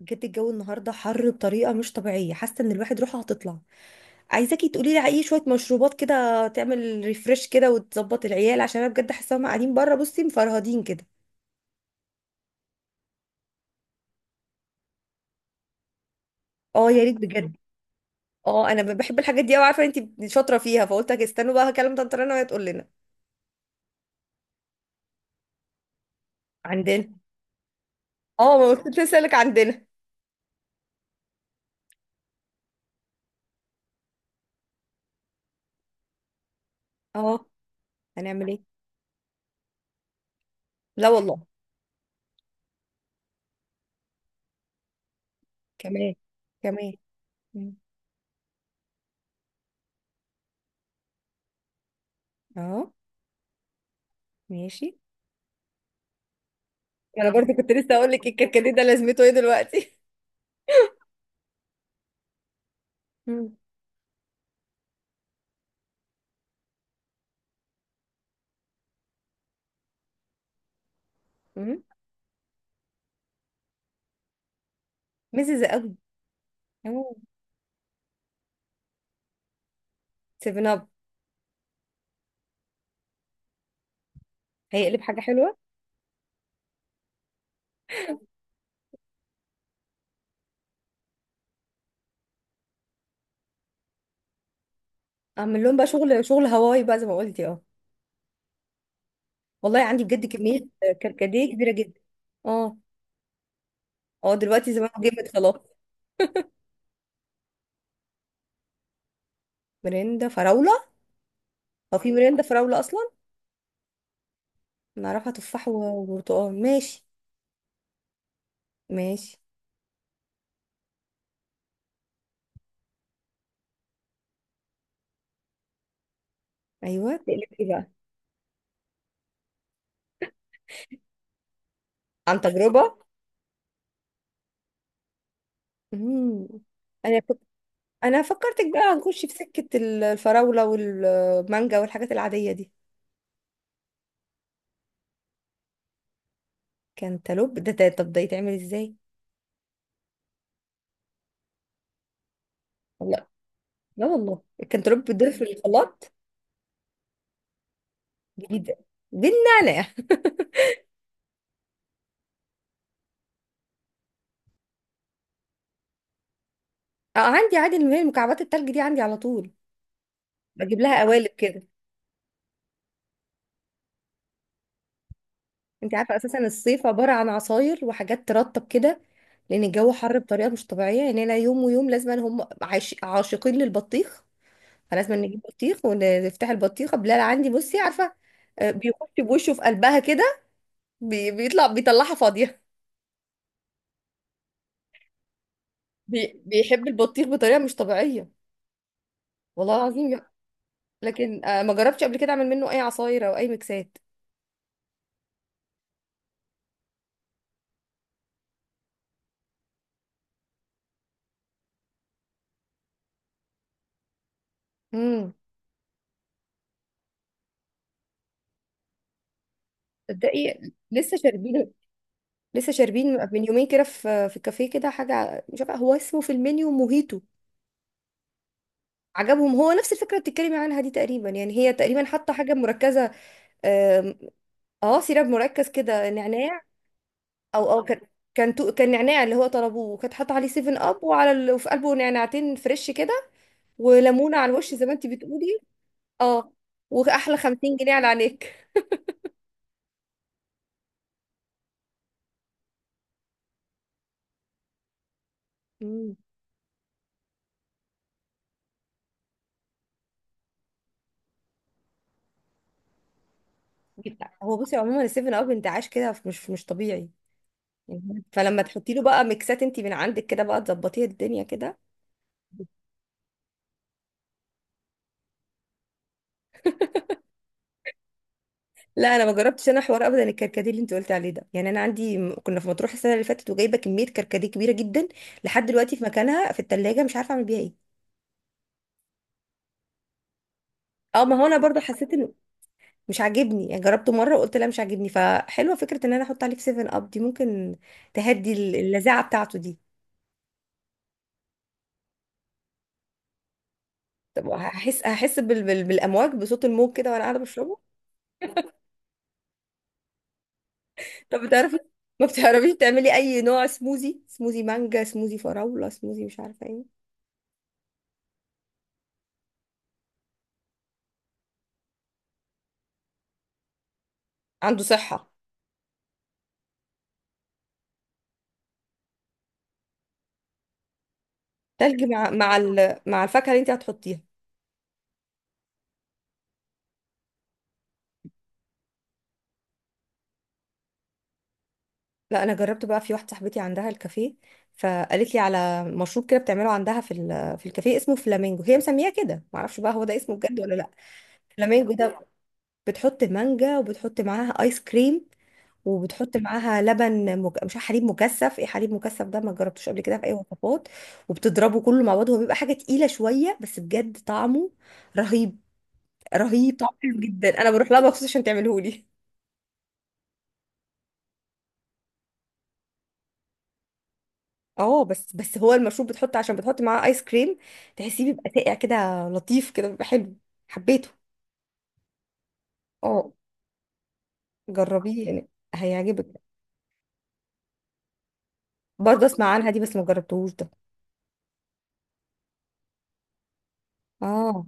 بجد الجو النهارده حر بطريقه مش طبيعيه حاسه ان الواحد روحه هتطلع. عايزاكي تقولي لي على اي شويه مشروبات كده تعمل ريفرش كده وتظبط العيال عشان انا بجد حاسه هم قاعدين بره بصي مفرهدين كده. اه يا ريت بجد. اه انا بحب الحاجات دي قوي عارفه انت شاطره فيها فقلت أجي استنوا بقى هكلم طنط رنا وهي تقول لنا. عندنا. اه ما قلت لسه عندنا. اه هنعمل ايه؟ لا والله. كمان كمان. مم. اه ماشي. انا برضه كنت لسه اقول لك الكركديه ده لازمته ايه دلوقتي؟ مم. مم. مزز قوي. سيفن اب. هيقلب حاجه حلوه. اعمل لهم بقى شغل شغل هواي بقى زي ما قلتي اه. والله عندي بجد كميه كركديه كبيره جدا. اه. اه دلوقتي زمان جبت خلاص. مرندة فراولة. هو في مرندة فراولة أصلا؟ نعرفها تفاح وبرتقال ماشي. ماشي. أيوه تقلب ايه بقى؟ عن تجربة. مم. أنا كنت أنا فكرتك بقى هنخش في سكة الفراولة والمانجا والحاجات العادية دي. كانتالوب ده طب ده يتعمل ازاي؟ لا. لا والله الكنتالوب بيتضرب في الخلاط. جديدة. دي النعناع. اه عندي عادي اللي هي مكعبات التلج دي عندي على طول. بجيب لها قوالب كده. انت عارفة اساسا الصيف عبارة عن عصاير وحاجات ترطب كده. لان الجو حر بطريقة مش طبيعية يعني انا يوم ويوم لازم هم عاشقين للبطيخ. فلازم نجيب بطيخ ونفتح البطيخة بلال عندي بصي عارفة. بيخش بوشه في قلبها كده. بيطلعها فاضية. بيحب البطيخ بطريقة مش طبيعية. والله العظيم. لكن ما جربتش قبل كده اعمل منه اي عصاير او اي ميكسات. امم تصدقي. لسه شاربين. لسه شاربين. من يومين كده في كافيه كده حاجه مش عارفه هو اسمه في المنيو موهيتو. عجبهم هو نفس الفكره اللي بتتكلمي عنها دي تقريبا يعني هي تقريبا حاطه حاجه مركزه. آم، اه سيراب مركز كده نعناع. او او كان كان نعناع اللي هو طلبوه وكانت حاطه عليه 7 اب وعلى وفي قلبه نعناعتين فريش كده. وليمونه على الوش زي ما انت بتقولي. اه. واحلى 50 جنيه على عينيك. مم. هو بصي عموما ال 7 اب انتعاش كده مش طبيعي. مهم. فلما تحطي له بقى ميكسات انت من عندك كده بقى تظبطي الدنيا كده. لا انا ما جربتش انا حوار ابدا الكركديه اللي انت قلت عليه ده يعني انا عندي كنا في مطروح السنه اللي فاتت وجايبه كميه كركديه كبيره جدا. لحد دلوقتي في مكانها في التلاجة مش عارفه اعمل بيها ايه. اه ما هو انا برضو حسيت انه مش عاجبني يعني جربته مره وقلت لا مش عاجبني فحلوه فكره ان انا احط عليه في 7 اب دي ممكن تهدي اللذاعه بتاعته دي. طب هحس بالامواج بصوت الموج كده وانا قاعده بشربه. طب بتعرفي؟ ما بتعرفيش تعملي اي نوع سموزي سموزي مانجا سموزي فراولة سموزي مش عارفة ايه. عنده صحة. تلج مع مع الفاكهة اللي انت هتحطيها. لا انا جربت بقى في واحدة صاحبتي عندها الكافيه فقالت لي على مشروب كده بتعمله عندها في في الكافيه اسمه فلامينجو هي مسمياه كده ما اعرفش بقى هو ده اسمه بجد ولا لا. فلامينجو ده. بتحط مانجا وبتحط معاها ايس كريم وبتحط معاها لبن مش عارفة حليب مكثف ايه حليب مكثف ده ما جربتوش قبل كده في اي وصفات. وبتضربه كله مع بعض هو بيبقى حاجه تقيله شويه بس بجد طعمه رهيب. رهيب طعمه حلو جدا انا بروح لها مخصوص عشان تعمله لي. اه بس بس هو المشروب بتحط عشان بتحط معاه ايس كريم. تحسيه بيبقى ساقع كده. لطيف كده بيبقى حلو. حبيته. اه جربيه يعني. هيعجبك. برضه اسمع عنها دي بس ما جربتهوش ده. اه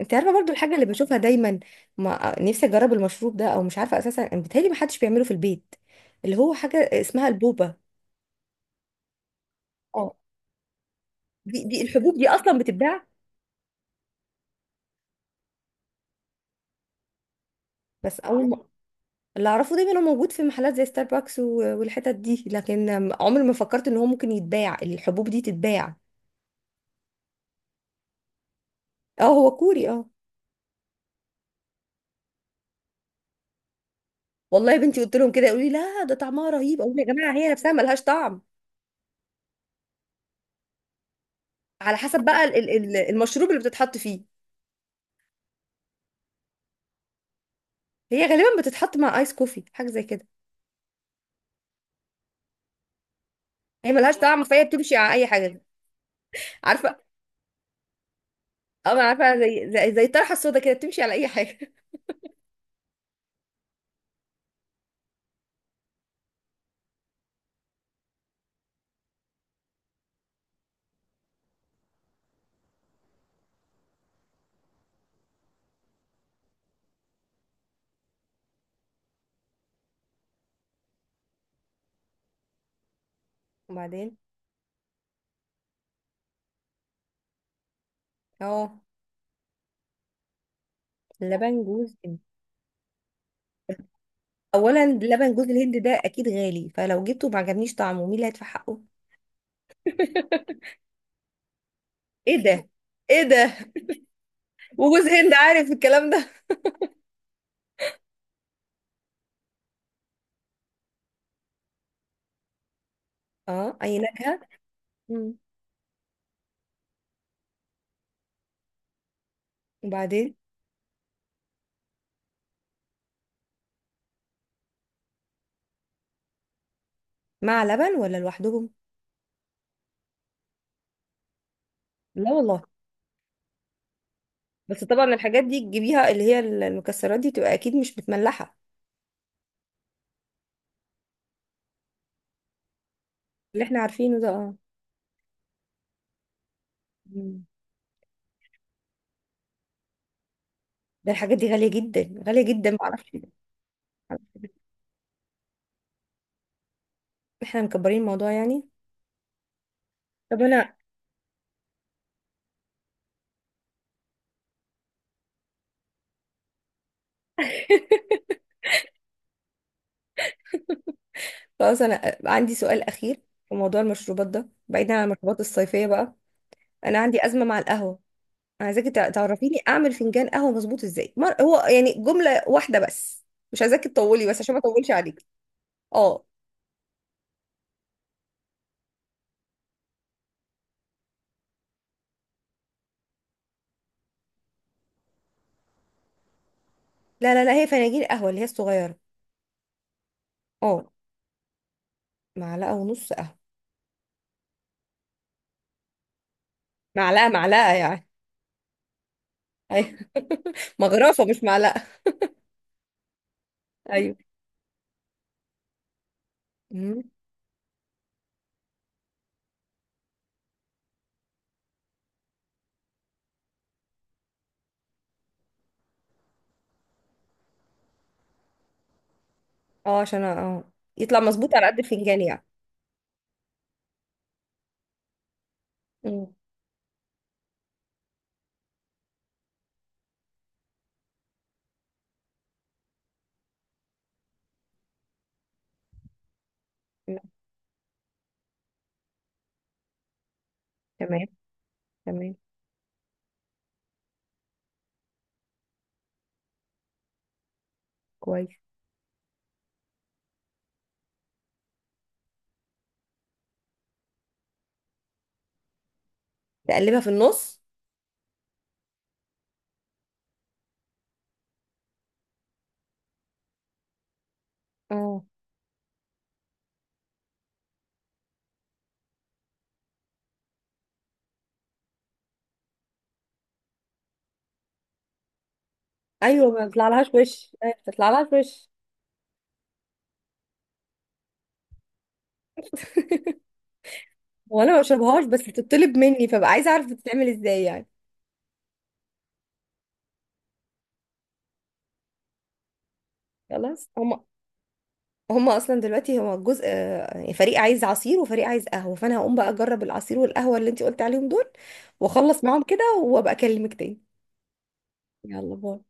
انت عارفه برضو الحاجه اللي بشوفها دايما. ما نفسي اجرب المشروب ده او مش عارفه اساسا بيتهيألي ما حدش بيعمله في البيت. اللي هو حاجه اسمها البوبه. اه دي الحبوب دي اصلا بتتباع. بس اول ما. اللي اعرفه دايما هو موجود في محلات زي ستاربكس والحتت دي لكن. عمري ما فكرت ان هو ممكن يتباع الحبوب دي تتباع. اه هو كوري اه. والله يا بنتي قلت لهم كده يقولوا لي لا ده طعمها رهيب اقول يا جماعه هي نفسها ملهاش طعم. على حسب بقى المشروب اللي بتتحط فيه. هي غالبا بتتحط مع ايس كوفي حاجه زي كده. هي ملهاش طعم فهي بتمشي على اي حاجه. عارفه. اه انا عارفه زي الطرحه السودا كده بتمشي على اي حاجه. وبعدين. اه لبن جوز هند. اولا لبن جوز الهند ده اكيد غالي فلو جبته ما عجبنيش طعمه مين اللي هيدفع حقه. ايه ده. ايه ده. وجوز هند عارف الكلام ده. اه اي نكهه. مم. وبعدين مع لبن ولا لوحدهم. لا والله. بس طبعا الحاجات دي تجيبيها اللي هي المكسرات دي تبقى اكيد مش متملحه. اللي احنا عارفينه ده اه. مم. ده الحاجات دي غاليه جدا غاليه جدا معرفش. احنا مكبرين الموضوع يعني. طب انا. خلاص انا عندي سؤال اخير. في موضوع المشروبات ده بعيدا عن المشروبات الصيفيه بقى. انا عندي ازمه مع القهوه. انا عايزاكي تعرفيني اعمل فنجان قهوه مظبوط ازاي هو يعني جمله واحده بس. مش عايزاكي تطولي بس عشان ما اطولش عليكي. اه. لا لا لا هي فناجين قهوه اللي هي الصغيره. اه معلقه ونص قهوه. معلقه معلقه يعني؟ ايوه. مغرفه مش معلقه. ايوه. مم. اه عشان يطلع مظبوط على قد الفنجان يعني. مم. تمام. تمام. كويس. تقلبها في النص. اه. ايوه ما بيطلعلهاش وش. أيوة، بتطلعلهاش وش. هو انا ما بشربهاش بس بتطلب مني فبقى عايزه اعرف بتتعمل ازاي يعني. خلاص هم اصلا دلوقتي هو الجزء يعني فريق عايز عصير وفريق عايز قهوه فانا هقوم بقى اجرب العصير والقهوه اللي انت قلت عليهم دول. واخلص معاهم كده وابقى اكلمك تاني. يلا باي.